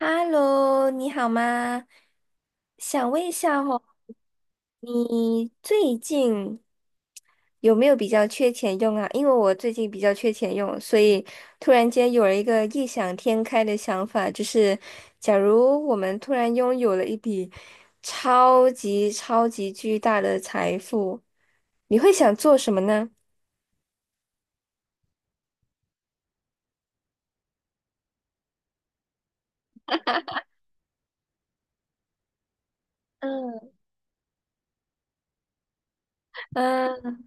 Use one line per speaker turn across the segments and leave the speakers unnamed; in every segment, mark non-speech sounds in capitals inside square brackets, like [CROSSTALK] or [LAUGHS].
Hello，你好吗？想问一下哦，你最近有没有比较缺钱用啊？因为我最近比较缺钱用，所以突然间有了一个异想天开的想法，就是假如我们突然拥有了一笔超级超级巨大的财富，你会想做什么呢？嗯嗯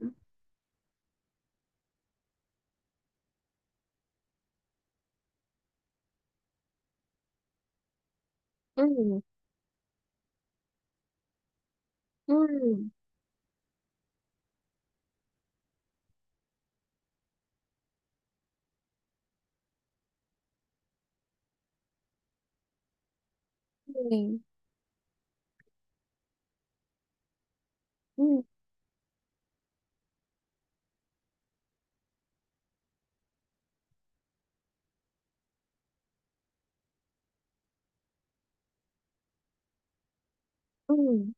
嗯嗯嗯嗯嗯。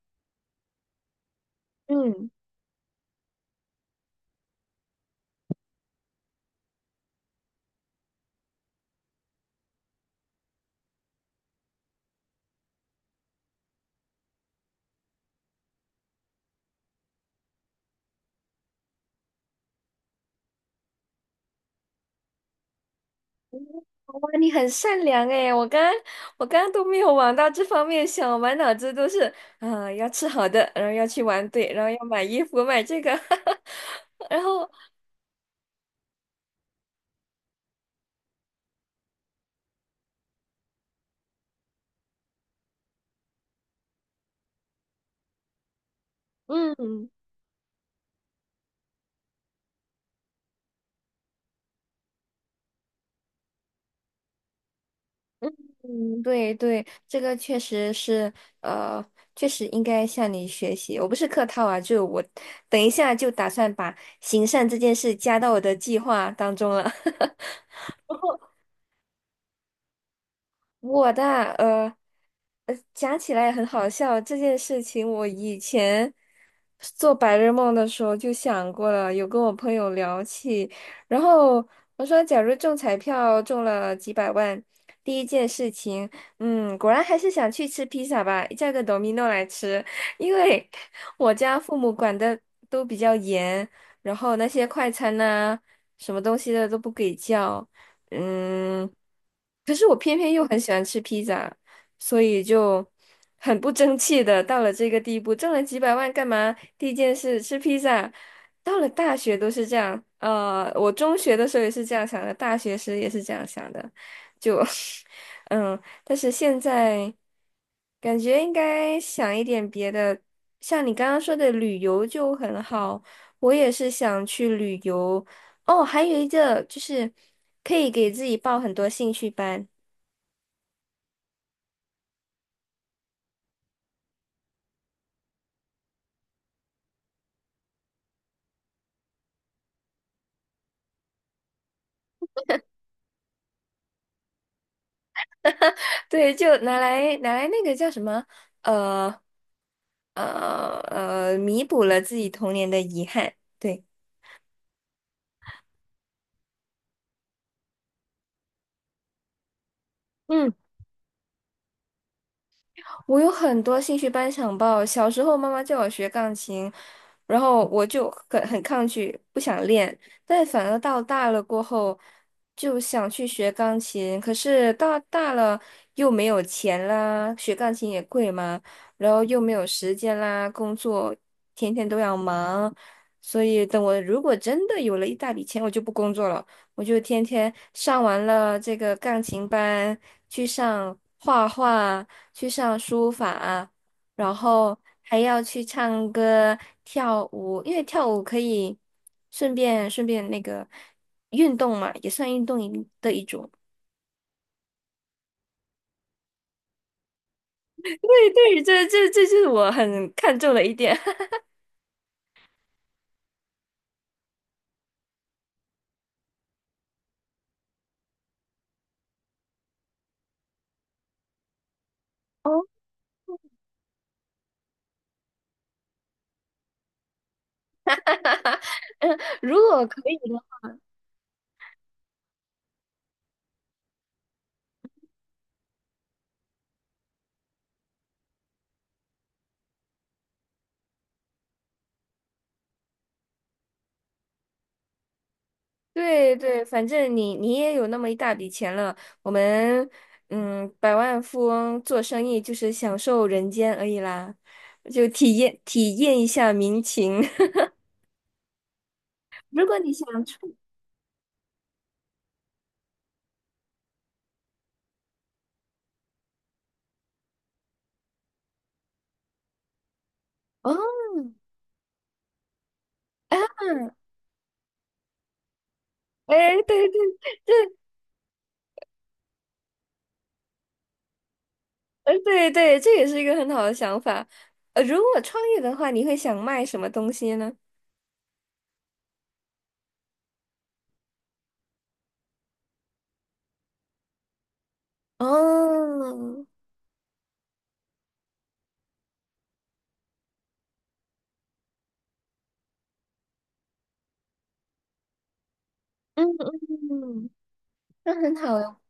嗯哇，你很善良诶，我刚刚都没有往到这方面想，我满脑子都是，啊，要吃好的，然后要去玩对，然后要买衣服，买这个，[LAUGHS] 然后，嗯嗯嗯，对对，这个确实是，呃，确实应该向你学习。我不是客套啊，就我等一下就打算把行善这件事加到我的计划当中了。[LAUGHS] 我的啊，讲起来也很好笑。这件事情我以前做白日梦的时候就想过了，有跟我朋友聊起。然后我说，假如中彩票中了几百万，第一件事情，嗯，果然还是想去吃披萨吧，叫个 Domino 来吃，因为我家父母管的都比较严，然后那些快餐呐、什么东西的都不给叫。嗯，可是我偏偏又很喜欢吃披萨，所以就很不争气的到了这个地步，挣了几百万干嘛？第一件事吃披萨，到了大学都是这样，我中学的时候也是这样想的，大学时也是这样想的，就 [LAUGHS] 嗯，但是现在感觉应该想一点别的，像你刚刚说的旅游就很好，我也是想去旅游。哦，还有一个就是可以给自己报很多兴趣班，对，就拿来那个叫什么，呃呃，弥补了自己童年的遗憾。对。嗯。我有很多兴趣班想报。小时候妈妈叫我学钢琴，然后我就很抗拒，不想练。但反而到大了过后，就想去学钢琴。可是到大了又没有钱啦，学钢琴也贵嘛，然后又没有时间啦，工作天天都要忙。所以等我如果真的有了一大笔钱，我就不工作了。我就天天上完了这个钢琴班，去上画画，去上书法啊，然后还要去唱歌、跳舞，因为跳舞可以顺便那个运动嘛，也算运动一的一种。对对，这是我很看重的一点。[LAUGHS] 哦，嗯，如果可以的话，对对，反正你也有那么一大笔钱了，我们嗯，百万富翁做生意就是享受人间而已啦，就体验体验一下民情。[LAUGHS] 如果你想出。哦。[LAUGHS] 啊，哎，对对，对对，这也是一个很好的想法。如果创业的话，你会想卖什么东西呢？哦，嗯嗯，那很好哟。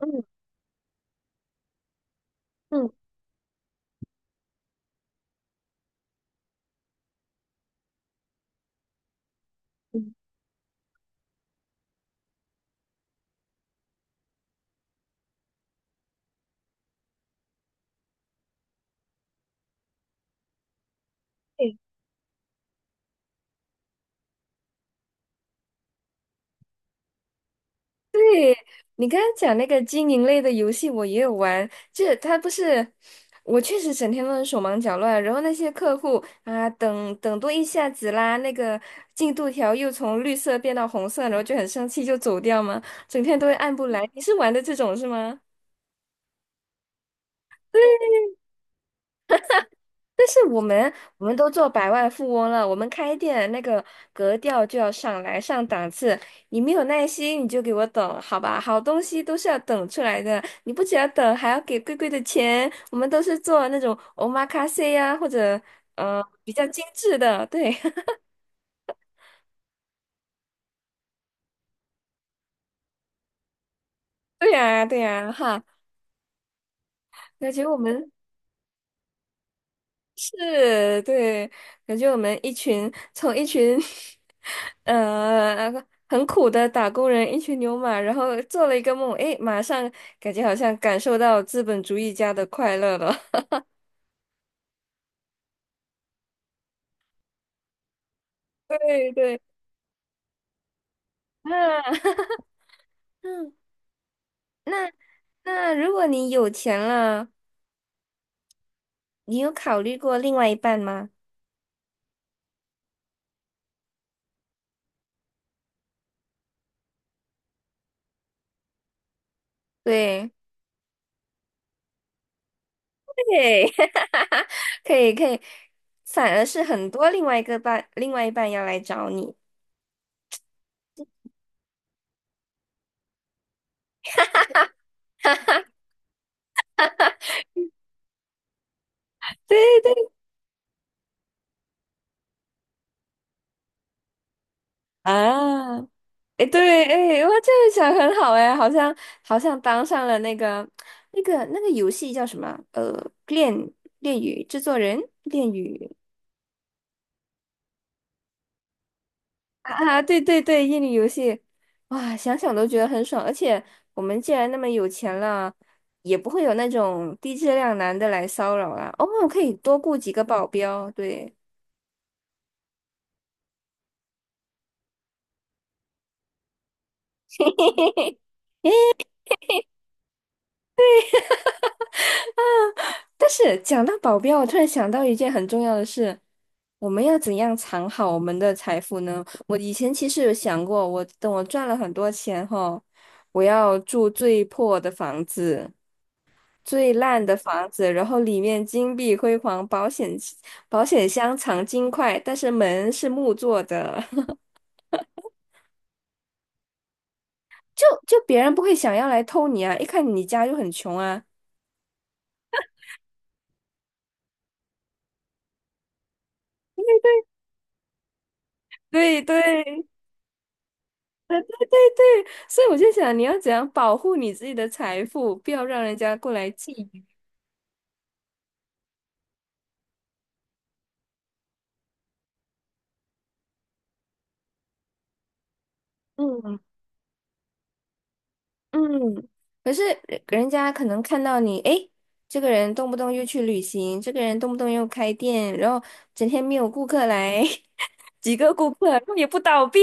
嗯嗯嗯，对，你刚刚讲那个经营类的游戏，我也有玩。这它不是，我确实整天都是手忙脚乱，然后那些客户啊，等等多一下子啦，那个进度条又从绿色变到红色，然后就很生气就走掉嘛，整天都会按不来。你是玩的这种是吗？但是我们都做百万富翁了，我们开店那个格调就要上来上档次。你没有耐心，你就给我等，好吧？好东西都是要等出来的，你不只要等，还要给贵贵的钱。我们都是做那种 omakase 呀、或者比较精致的，对 [LAUGHS] 对呀、对呀、哈。感觉我们是，对，感觉我们一群 [LAUGHS] 呃很苦的打工人，一群牛马，然后做了一个梦，诶，马上感觉好像感受到资本主义家的快乐了。[LAUGHS] 对对，啊，[LAUGHS] 嗯，那那如果你有钱了，你有考虑过另外一半吗？对，对，[LAUGHS] 可以可以，反而是很多另外一个伴，另外一半要来找你。对对啊。哎，对，哎，我这个想很好，哎，好像好像当上了那个那个游戏叫什么？恋恋与制作人，恋与啊，啊对对对，恋与游戏，哇，想想都觉得很爽。而且我们既然那么有钱了，也不会有那种低质量男的来骚扰啦。哦，可以多雇几个保镖，对。但是讲到保镖，我突然想到一件很重要的事，我们要怎样藏好我们的财富呢？我以前其实有想过，我等我赚了很多钱后，我要住最破的房子、最烂的房子，然后里面金碧辉煌，保险箱藏金块，但是门是木做的，[LAUGHS] 就别人不会想要来偷你啊，一看你家就很穷啊。对对对所以我就想，你要怎样保护你自己的财富，不要让人家过来觊觎。嗯嗯，可是人家可能看到你，诶，这个人动不动又去旅行，这个人动不动又开店，然后整天没有顾客来，[LAUGHS] 几个顾客，他也不倒闭，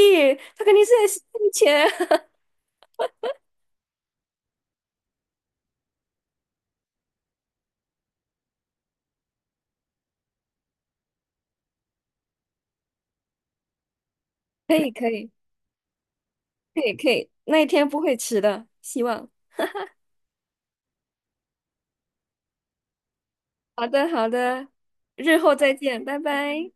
他肯定是在吸钱。[LAUGHS] 可以，可以，可以，可以，那一天不会迟的，希望。好的，好的，日后再见，拜拜。